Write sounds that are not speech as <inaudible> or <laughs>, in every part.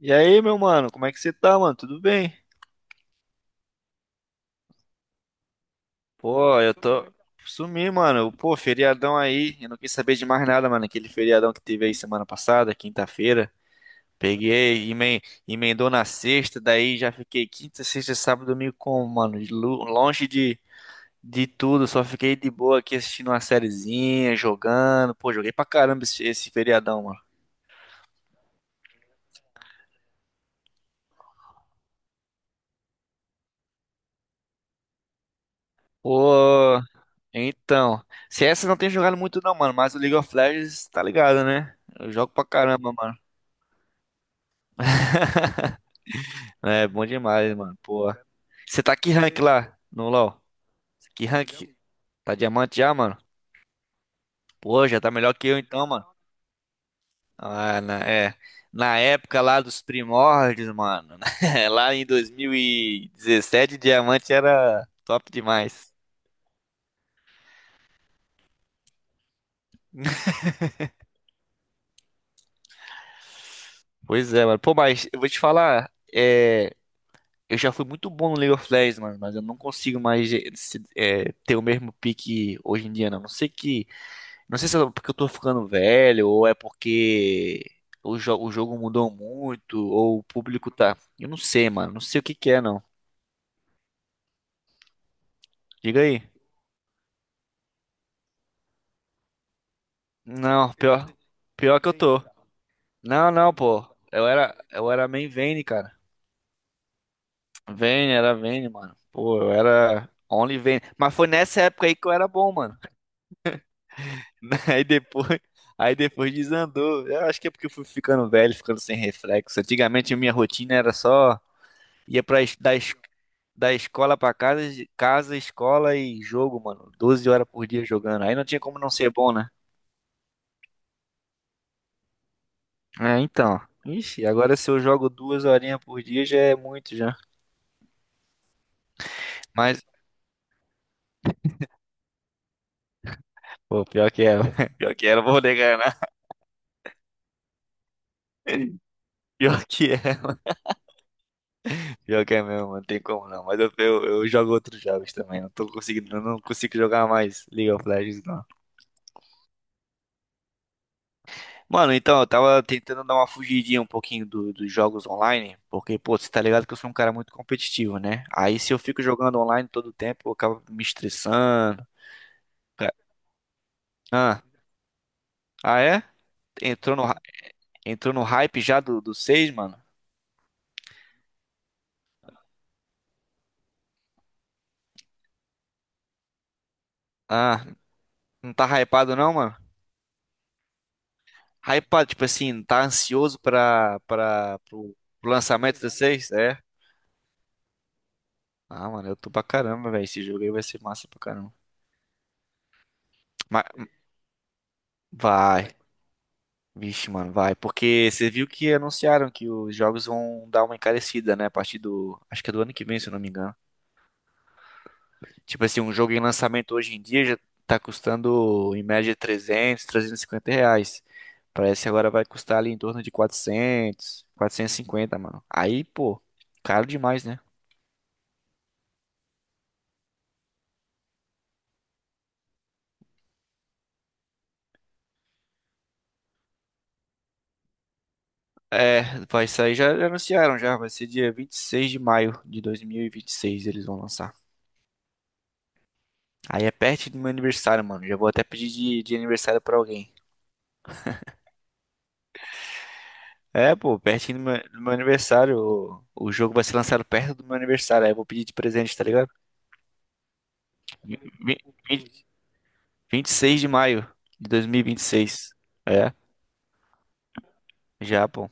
E aí, meu mano, como é que você tá, mano? Tudo bem? Pô, eu tô. Sumi, mano. Pô, feriadão aí. Eu não quis saber de mais nada, mano. Aquele feriadão que teve aí semana passada, quinta-feira. Peguei, emendou na sexta, daí já fiquei quinta, sexta, sábado, domingo com mano? Longe de tudo, só fiquei de boa aqui assistindo uma sériezinha, jogando. Pô, joguei pra caramba esse feriadão, mano. Pô, então. CS eu não tem jogado muito, não, mano, mas o League of Legends, tá ligado, né? Eu jogo pra caramba, mano. É, bom demais, mano. Pô. Você tá que rank lá no LoL? Que rank? Tá diamante já, mano? Pô, já tá melhor que eu então, mano. Ah, na, é. Na época lá dos primórdios, mano. <laughs> Lá em 2017, diamante era top demais. Pois é, mano. Pô, mas eu vou te falar, eu já fui muito bom no League of Legends, mano, mas eu não consigo mais ter o mesmo pique hoje em dia, não. Não sei que Não sei se é porque eu tô ficando velho, ou é porque o jogo mudou muito, ou o público tá. Eu não sei, mano. Não sei o que que é, não. Diga aí. Não, pior que eu tô. Não, não, pô. Eu era main Vayne, cara. Vayne, era Vayne, mano. Pô, eu era only Vayne. Mas foi nessa época aí que eu era bom, mano. <laughs> Aí depois, aí depois desandou. Eu acho que é porque eu fui ficando velho, ficando sem reflexo. Antigamente minha rotina era só ia para da escola pra casa, de casa, escola e jogo, mano. 12 horas por dia jogando. Aí não tinha como não ser bom, né? É, então. Ixi, agora se eu jogo duas horinhas por dia já é muito já. Mas, pô, pior que é. <laughs> Pior que é, não vou negar, não. <laughs> Pior que é. Pior que é mesmo, não tem como não. Mas eu jogo outros jogos também. Não tô conseguindo, eu não consigo jogar mais League of Legends, não. Mano, então, eu tava tentando dar uma fugidinha um pouquinho dos jogos online, porque, pô, você tá ligado que eu sou um cara muito competitivo, né? Aí se eu fico jogando online todo o tempo, eu acabo me estressando. Ca- Ah, ah, é? Entrou no, hy- entrou no hype já do 6, mano? Ah, não tá hypado não, mano? Hypado, tipo assim, tá ansioso pro lançamento do 6, é? Ah, mano, eu tô pra caramba, velho. Esse jogo aí vai ser massa pra caramba. Mas vai. Vixe, mano, vai. Porque você viu que anunciaram que os jogos vão dar uma encarecida, né? A partir do. Acho que é do ano que vem, se eu não me engano. Tipo assim, um jogo em lançamento hoje em dia já tá custando em média R$ 300, R$ 350. Parece que agora vai custar ali em torno de 400, 450, mano. Aí, pô, caro demais, né? É, vai sair, já já anunciaram já. Vai ser dia 26 de maio de dois mil e vinte e seis, eles vão lançar. Aí é perto do meu aniversário, mano. Já vou até pedir de aniversário pra alguém. É, pô, pertinho do meu aniversário. O jogo vai ser lançado perto do meu aniversário. Aí eu vou pedir de presente, tá ligado? Vi- vi- vi- 26 de maio de dois mil e vinte e seis. É, já, pô.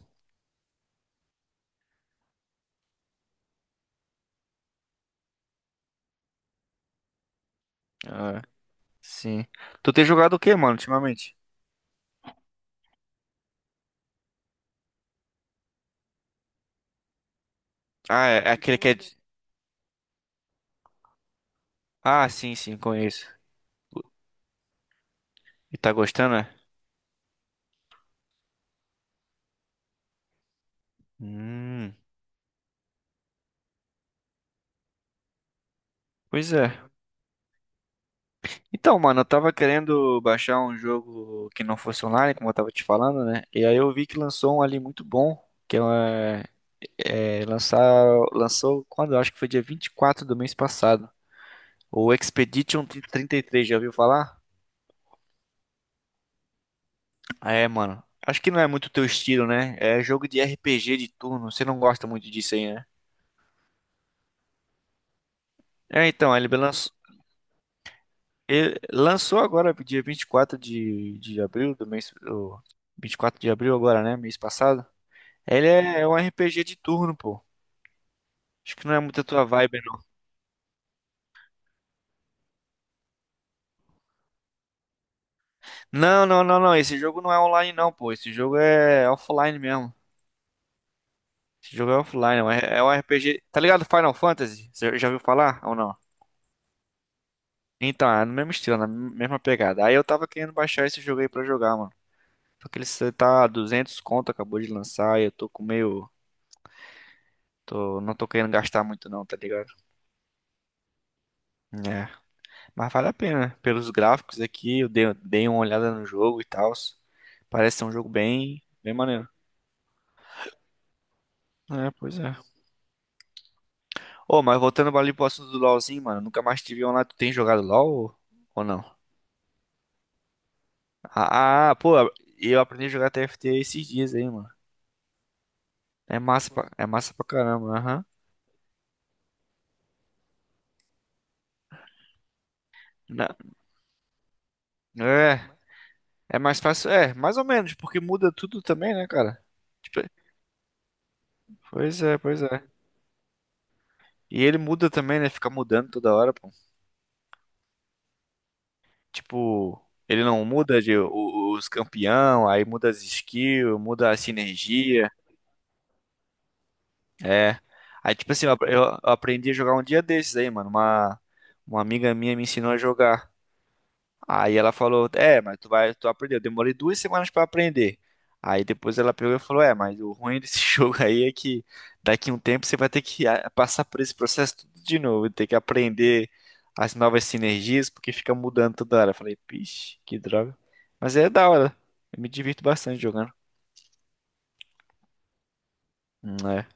Ah, sim. Tu tem jogado o que, mano, ultimamente? Ah, é aquele que é. Ah, sim, sim, conheço. E tá gostando, é? Hum, pois é. Então, mano, eu tava querendo baixar um jogo que não fosse online, como eu tava te falando, né? E aí eu vi que lançou um ali muito bom, que é É, lançar, lançou quando? Eu acho que foi dia 24 do mês passado. O Expedition 33 já ouviu falar? É, mano. Acho que não é muito teu estilo, né? É jogo de RPG de turno. Você não gosta muito disso aí, né? É, então, ele lançou agora, dia 24 de abril do mês. 24 de abril agora, né? Mês passado. Ele é um RPG de turno, pô. Acho que não é muito a tua vibe, não. Não, não, não, não. Esse jogo não é online, não, pô. Esse jogo é offline mesmo. Esse jogo é offline, é um RPG. Tá ligado Final Fantasy? Você já ouviu falar ou não? Então, é no mesmo estilo, na mesma pegada. Aí eu tava querendo baixar esse jogo aí pra jogar, mano. Só que ele cê tá 200 conto, acabou de lançar, e eu tô com meio. Tô, não tô querendo gastar muito não, tá ligado? É. Mas vale a pena, né? Pelos gráficos aqui, eu dei uma olhada no jogo e tal. Parece ser um jogo bem, bem maneiro. É, pois é. Ô, mas voltando ali pro assunto do LoLzinho, mano, nunca mais tive online. Tu tem jogado LoL ou não? Ah, pô, eu aprendi a jogar TFT esses dias aí, mano. É massa pra caramba, aham. Na- É, é mais fácil, é, mais ou menos, porque muda tudo também, né, cara? Tipo, pois é, pois é. E ele muda também, né? Fica mudando toda hora, pô. Tipo, ele não muda os campeão, aí muda as skills, muda a sinergia. É. Aí, tipo assim, eu aprendi a jogar um dia desses aí, mano. Uma amiga minha me ensinou a jogar. Aí ela falou, é, mas tu vai, tu aprendeu. Eu demorei 2 semanas pra aprender. Aí depois ela pegou e falou, é, mas o ruim desse <laughs> jogo aí é que daqui a um tempo você vai ter que passar por esse processo tudo de novo, ter que aprender as novas sinergias, porque fica mudando toda hora. Eu falei, pixe, que droga. Mas é da hora. Eu me divirto bastante jogando. É.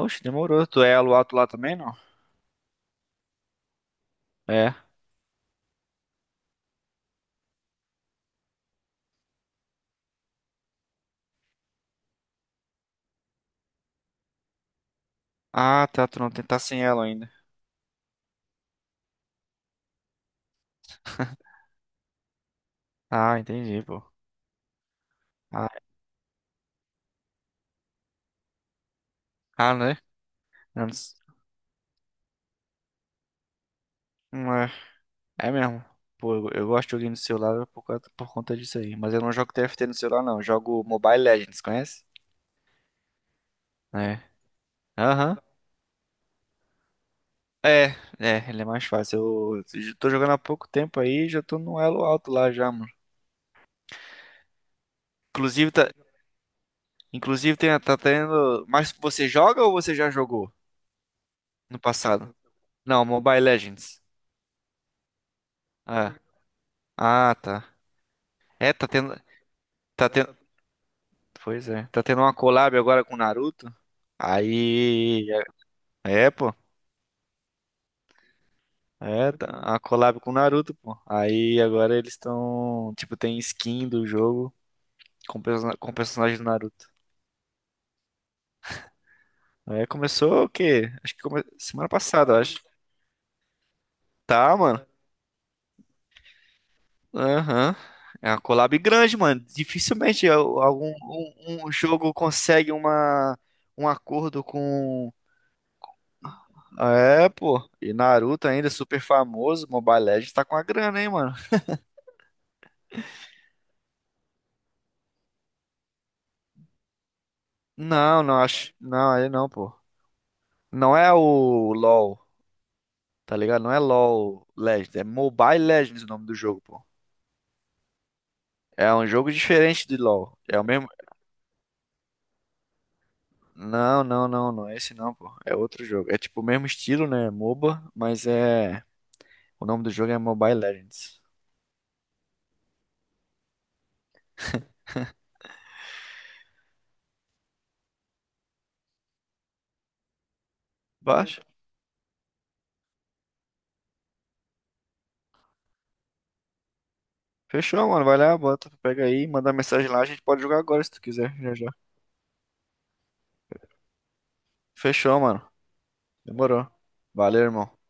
Oxe, demorou. Tu é elo alto lá também, não? É. Ah, tá, tu não tem- tá sem ela ainda. Ah, entendi, pô. Ah, ah, né? Não, é mesmo. Pô, eu gosto de joguinho no celular por conta disso aí. Mas eu não jogo TFT no celular, não. Eu jogo Mobile Legends, conhece? É. Aham. É, é, ele é mais fácil. Eu tô jogando há pouco tempo aí, já tô no elo alto lá já, mano. Inclusive, tá, inclusive tem, tá tendo. Mas você joga ou você já jogou no passado? Não, Mobile Legends. Ah, ah, tá. É, tá tendo. Tá tendo. Pois é. Tá tendo uma collab agora com o Naruto. Aí. É, pô. É, a collab com o Naruto, pô. Aí agora eles estão. Tipo, tem skin do jogo com personagem do Naruto. É, começou o quê? Acho que semana passada, eu acho. Tá, mano. Aham. É uma collab grande, mano. Dificilmente algum um jogo consegue uma, um acordo com. É, pô. E Naruto ainda, super famoso. Mobile Legends tá com a grana, hein, mano. Não, não acho. Não, ele não, pô. Não é o LoL. Tá ligado? Não é LoL Legends, é Mobile Legends o nome do jogo, pô. É um jogo diferente de LoL. É o mesmo. Não, não, não, não é esse não, pô. É outro jogo. É tipo o mesmo estilo, né? É MOBA, mas é. O nome do jogo é Mobile Legends. Baixa. Fechou, mano. Vai lá, bota, pega aí, manda mensagem lá. A gente pode jogar agora se tu quiser, já já. Fechou, mano. Demorou. Valeu, irmão.